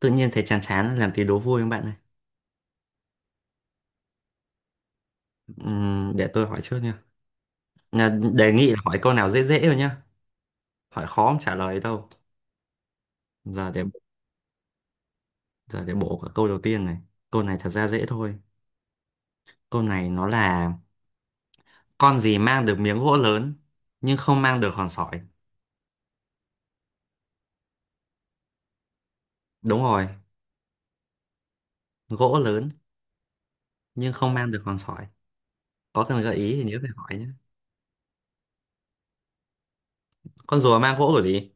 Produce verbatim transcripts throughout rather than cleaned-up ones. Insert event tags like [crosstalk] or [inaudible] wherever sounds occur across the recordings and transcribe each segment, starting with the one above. Tự nhiên thấy chán chán làm tí đố vui không bạn ơi. Ừm, để tôi hỏi trước nha. Nhà- Đề nghị là hỏi câu nào dễ dễ thôi nhá. Hỏi khó không trả lời đâu. Giờ để giờ để bổ cả câu đầu tiên này. Câu này thật ra dễ thôi. Câu này nó là con gì mang được miếng gỗ lớn nhưng không mang được hòn sỏi. Đúng rồi, gỗ lớn nhưng không mang được hòn sỏi. Có cần gợi ý thì nhớ phải hỏi nhé. Con rùa mang gỗ kiểu gì?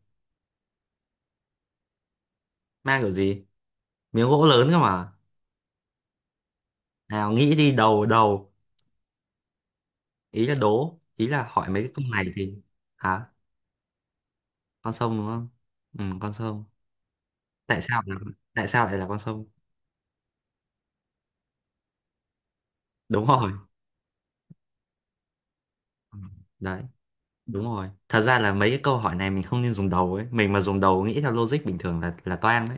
Mang kiểu gì? Miếng gỗ lớn cơ mà. Nào nghĩ đi đầu đầu. Ý là đố, ý là hỏi mấy cái câu này thì hả? Con sông đúng không, ừ, con sông. tại sao là, Tại sao lại là con sông? Đúng rồi, ừ, đấy, đúng rồi. Thật ra là mấy cái câu hỏi này mình không nên dùng đầu ấy, mình mà dùng đầu nghĩ theo logic bình thường là là toang đấy.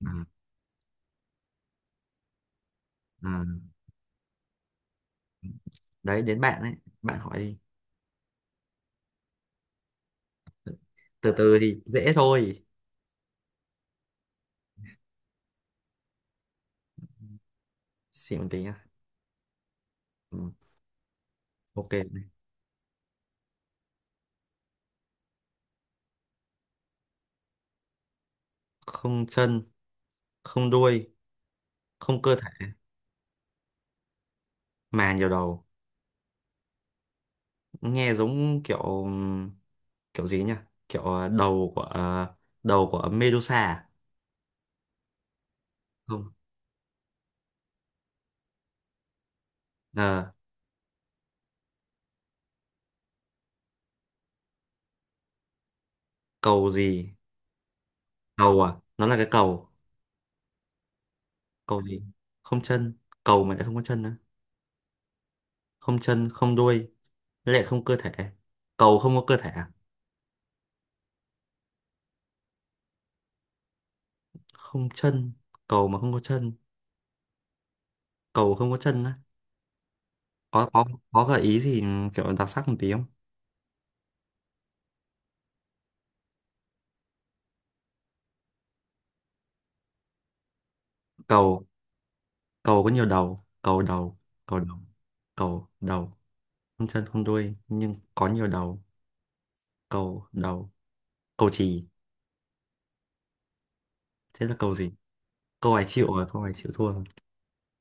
Ừ. Ừ. Đấy, đến bạn ấy, bạn hỏi đi. Từ từ thì dễ thôi. Xịn một tí nhá. Ừ. Ok. Không chân, không đuôi, không cơ thể mà nhiều đầu. Nghe giống kiểu, kiểu gì nhỉ, kiểu ờ, đầu của ờ, đầu của Medusa à? Không. Ờ, cầu gì? Cầu à? Nó là cái cầu. Cầu gì? Không chân? Cầu mà lại không có chân nữa? Không chân, không đuôi, với lại không cơ thể? Cầu không có cơ thể à? Không chân, cầu mà không có chân, cầu không có chân á? có có có gợi ý gì ừ, kiểu đặc sắc một tí không? Cầu cầu có nhiều đầu. Cầu đầu. Cầu đầu. Cầu đầu không chân không đuôi nhưng có nhiều đầu. Cầu đầu. Cầu chì. Thế là cầu gì? Câu này chịu rồi câu này chịu thua rồi.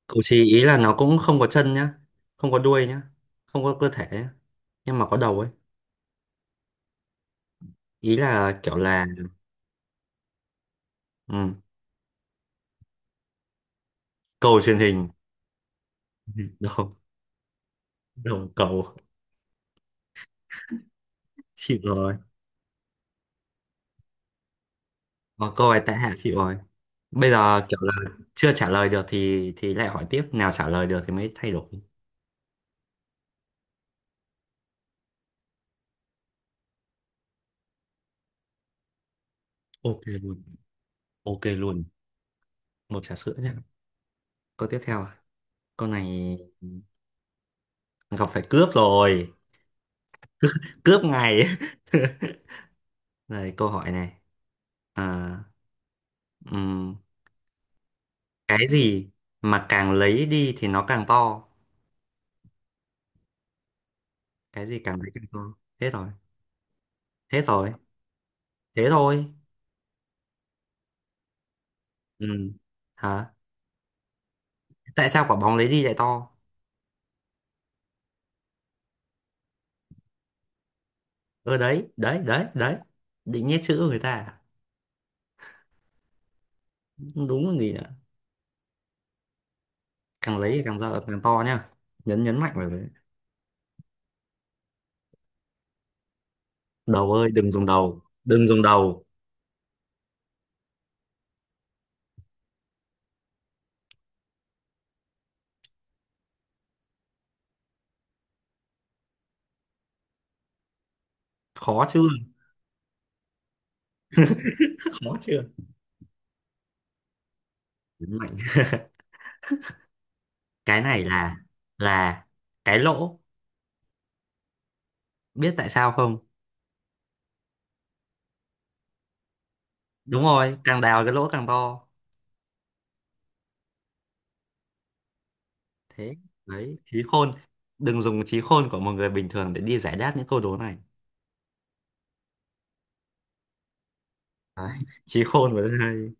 Cậu chì ý là nó cũng không có chân nhá, không có đuôi nhá, không có cơ thể nhá, nhưng mà có đầu ấy. Ý là kiểu là ừ, cầu truyền hình, [laughs] đầu, đầu cầu, [laughs] chịu rồi. Ờ, câu này tại hạ chịu rồi. Bây giờ kiểu là chưa trả lời được thì thì lại hỏi tiếp, nào trả lời được thì mới thay đổi. Ok luôn, ok luôn. Một trà sữa nhá. Câu tiếp theo à? Câu này gặp phải cướp rồi, cướp ngày. [laughs] Này câu hỏi này. À, ừ. Cái gì mà càng lấy đi thì nó càng to? Cái gì càng lấy càng to? Thế rồi. Thế rồi. Thế thôi. Ừ. Hả? Tại sao quả bóng lấy đi lại to? Ơ, đấy đấy đấy đấy, định nhét chữ người ta à? Đúng còn gì nữa. Càng lấy thì càng to càng to nhá, nhấn nhấn mạnh vào đấy. Đầu ơi, đừng dùng đầu, đừng dùng đầu. Khó chưa? [laughs] Khó chưa? Nhấn mạnh. [laughs] Cái này là là cái lỗ. Biết tại sao không? Đúng rồi, càng đào cái lỗ càng to. Thế, đấy, trí khôn, đừng dùng trí khôn của một người bình thường để đi giải đáp những câu đố này đấy. [laughs] Trí khôn và đây.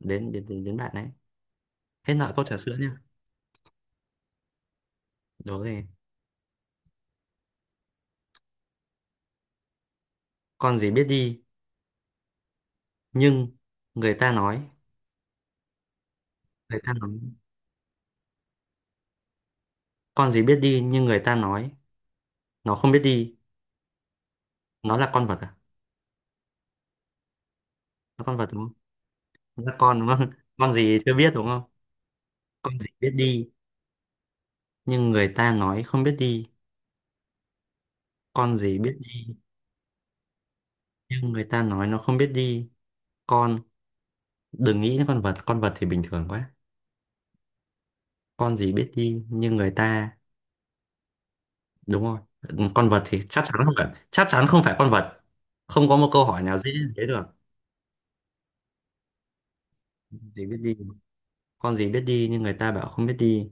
Đến đến đến, đến bạn đấy. Hết nợ câu trà sữa nhá. Đố rồi. Con gì biết đi nhưng người ta nói người ta nói con gì biết đi nhưng người ta nói nó không biết đi. Nó là con vật à? Nó con vật đúng không? Nó là con đúng không? [laughs] Con gì chưa biết đúng không? Con gì biết đi nhưng người ta nói không biết đi? Con gì biết đi nhưng người ta nói nó không biết đi? Con, đừng nghĩ đến con vật, con vật thì bình thường quá. Con gì biết đi như người ta? Đúng rồi. Con vật thì chắc chắn không phải, chắc chắn không phải con vật. Không có một câu hỏi nào dễ như thế được. Gì biết đi? Con gì biết đi nhưng người ta bảo không biết đi?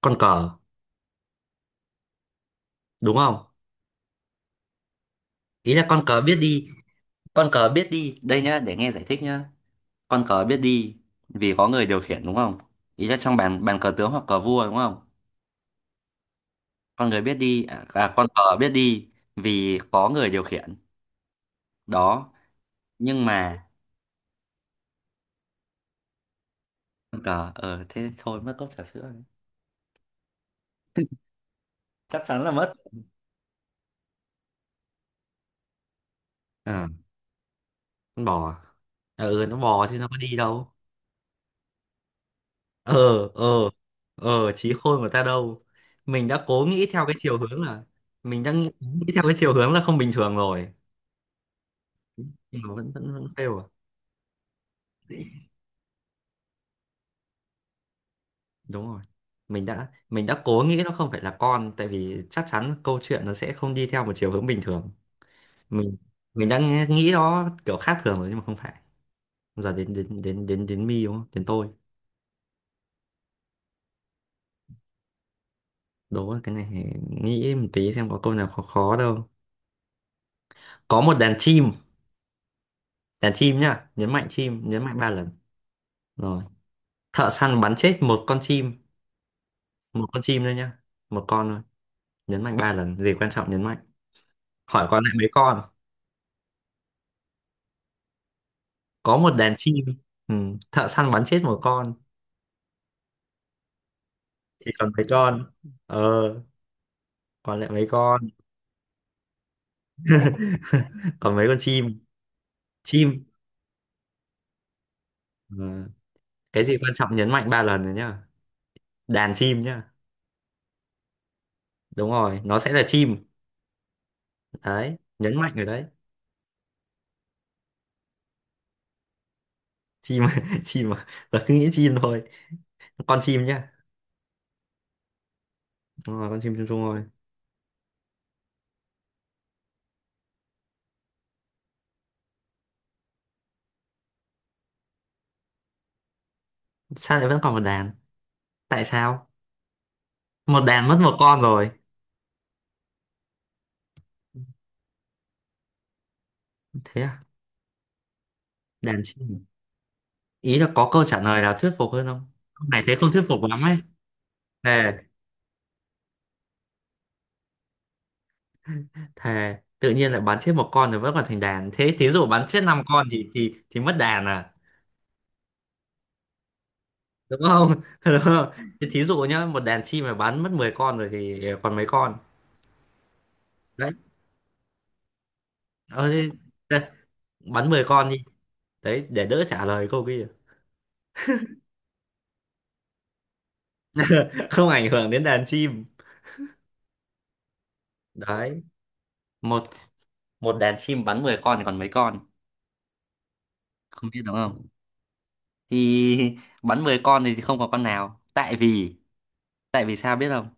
Con cờ đúng không? Ý là con cờ biết đi. Con cờ biết đi đây nhá, để nghe giải thích nhá. Con cờ biết đi vì có người điều khiển đúng không? Ý là trong bàn bàn cờ tướng hoặc cờ vua đúng không? Con người biết đi à, à, con cờ biết đi vì có người điều khiển. Đó. Nhưng mà cờ ờ thế thôi, mất cốc trà sữa đấy. Chắc chắn là mất. Ờ, con bò à? Ờ, ừ, nó bò chứ nó có đi đâu. ờ ờ ờ Trí khôn của ta đâu? Mình đã cố nghĩ theo cái chiều hướng là mình đang nghĩ, nghĩ theo cái chiều hướng là không bình thường rồi, nhưng mà vẫn vẫn vẫn fail à. Đúng rồi, mình đã mình đã cố nghĩ nó không phải là con, tại vì chắc chắn câu chuyện nó sẽ không đi theo một chiều hướng bình thường. Mình mình đang nghĩ nó kiểu khác thường rồi nhưng mà không phải. Giờ đến đến đến đến đến mi đúng không, đến tôi. Đố cái này thì nghĩ một tí xem có câu nào khó khó đâu. Có một đàn chim, đàn chim nhá, nhấn mạnh chim, nhấn mạnh ba lần. Rồi. Thợ săn bắn chết một con chim, một con chim thôi nhá, một con thôi. Nhấn mạnh ba lần, gì quan trọng nhấn mạnh. Hỏi còn lại mấy con? Có một đàn chim, ừ. Thợ săn bắn chết một con, thì còn mấy con? Ờ, còn lại mấy con? [laughs] Còn mấy con chim? Chim. Ờ, cái gì quan trọng nhấn mạnh ba lần rồi nhá. Đàn chim nhá. Đúng rồi, nó sẽ là chim. Đấy, nhấn mạnh rồi đấy. Chim. [laughs] Chim à? Giờ cứ nghĩ chim thôi, con chim nhá. Đúng rồi, con chim chung chung rồi. Sao lại vẫn còn một đàn? Tại sao? Một đàn mất một con rồi. Thế à? Đàn chim, ý là có câu trả lời nào thuyết phục hơn không? Ông này thế không thuyết phục lắm ấy. Thề. Thề, tự nhiên lại bắn chết một con rồi vẫn còn thành đàn, thế thí dụ bắn chết năm con thì thì thì mất đàn à? Đúng không? [laughs] Đúng không? Thế thí dụ nhá, một đàn chim mà bắn mất mười con rồi thì còn mấy con? Đấy. ờ, Thế, thế, bắn mười con đi, đấy, để đỡ trả lời câu kia. Không ảnh hưởng đến đàn chim. Đấy, một một đàn chim bắn mười con thì còn mấy con? Không biết đúng không? Thì bắn mười con thì không có con nào, tại vì, tại vì sao biết không?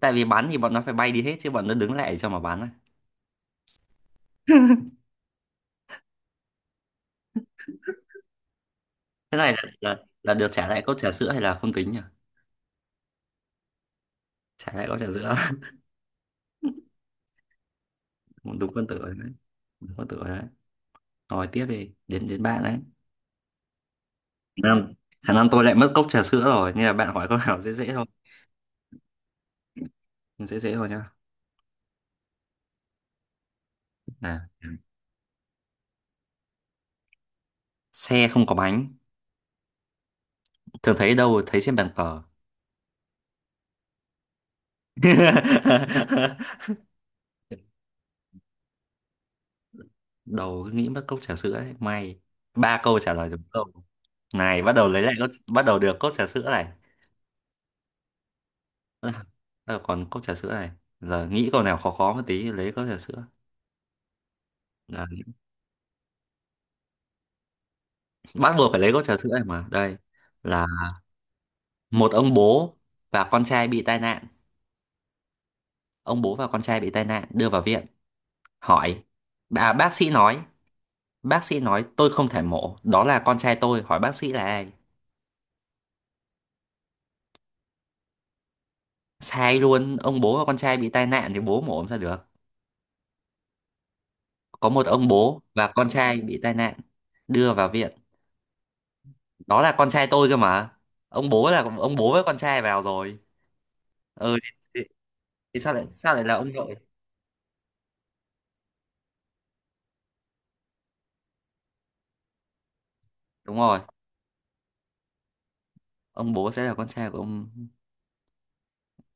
Tại vì bắn thì bọn nó phải bay đi hết chứ bọn nó đứng lại cho mà bắn á. Thế này là, là là được trả lại cốc trà sữa hay là không tính nhỉ? Trả lại cốc trà sữa. [laughs] Đúng con tử rồi đấy. Đúng con tử rồi đấy. Rồi tiếp đi, đến đến bạn đấy. Khả năng khả năng tôi lại mất cốc trà sữa rồi nên là bạn hỏi câu nào dễ dễ thôi. Dễ dễ thôi nhá. Nào. Xe không có bánh thường thấy đâu? Thấy trên bàn cờ. [laughs] Đầu cứ nghĩ mất cốc trà sữa ấy, may ba câu trả lời đúng, câu này bắt đầu lấy lại cốc, bắt đầu được cốc trà sữa này. [laughs] À, còn cốc trà sữa này, giờ nghĩ câu nào khó khó một tí lấy cốc trà sữa. Đấy. Bắt buộc phải lấy cốc trà sữa này mà đây, là một ông bố và con trai bị tai nạn, ông bố và con trai bị tai nạn đưa vào viện. Hỏi, à, bác sĩ nói bác sĩ nói tôi không thể mổ đó là con trai tôi, hỏi bác sĩ là ai. Sai luôn, ông bố và con trai bị tai nạn thì bố mà ốm ra được, có một ông bố và con trai bị tai nạn đưa vào viện, đó là con trai tôi cơ mà, ông bố là ông bố với con trai vào rồi. Ừ thì, thì, thì sao lại sao lại là ông nội. Đúng rồi, ông bố sẽ là con trai của ông.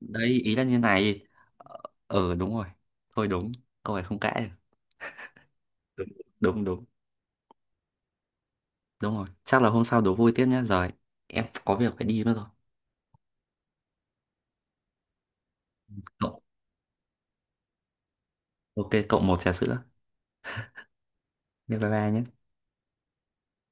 Đấy, ý là như này. Ờ. Ừ, đúng rồi. Thôi đúng, câu này không cãi được. Đúng, đúng, đúng. Đúng rồi, chắc là hôm sau đố vui tiếp nhé. Rồi, em có việc phải đi mất rồi. Cậu- ok, cậu một trà sữa. Bye bye bye nhé.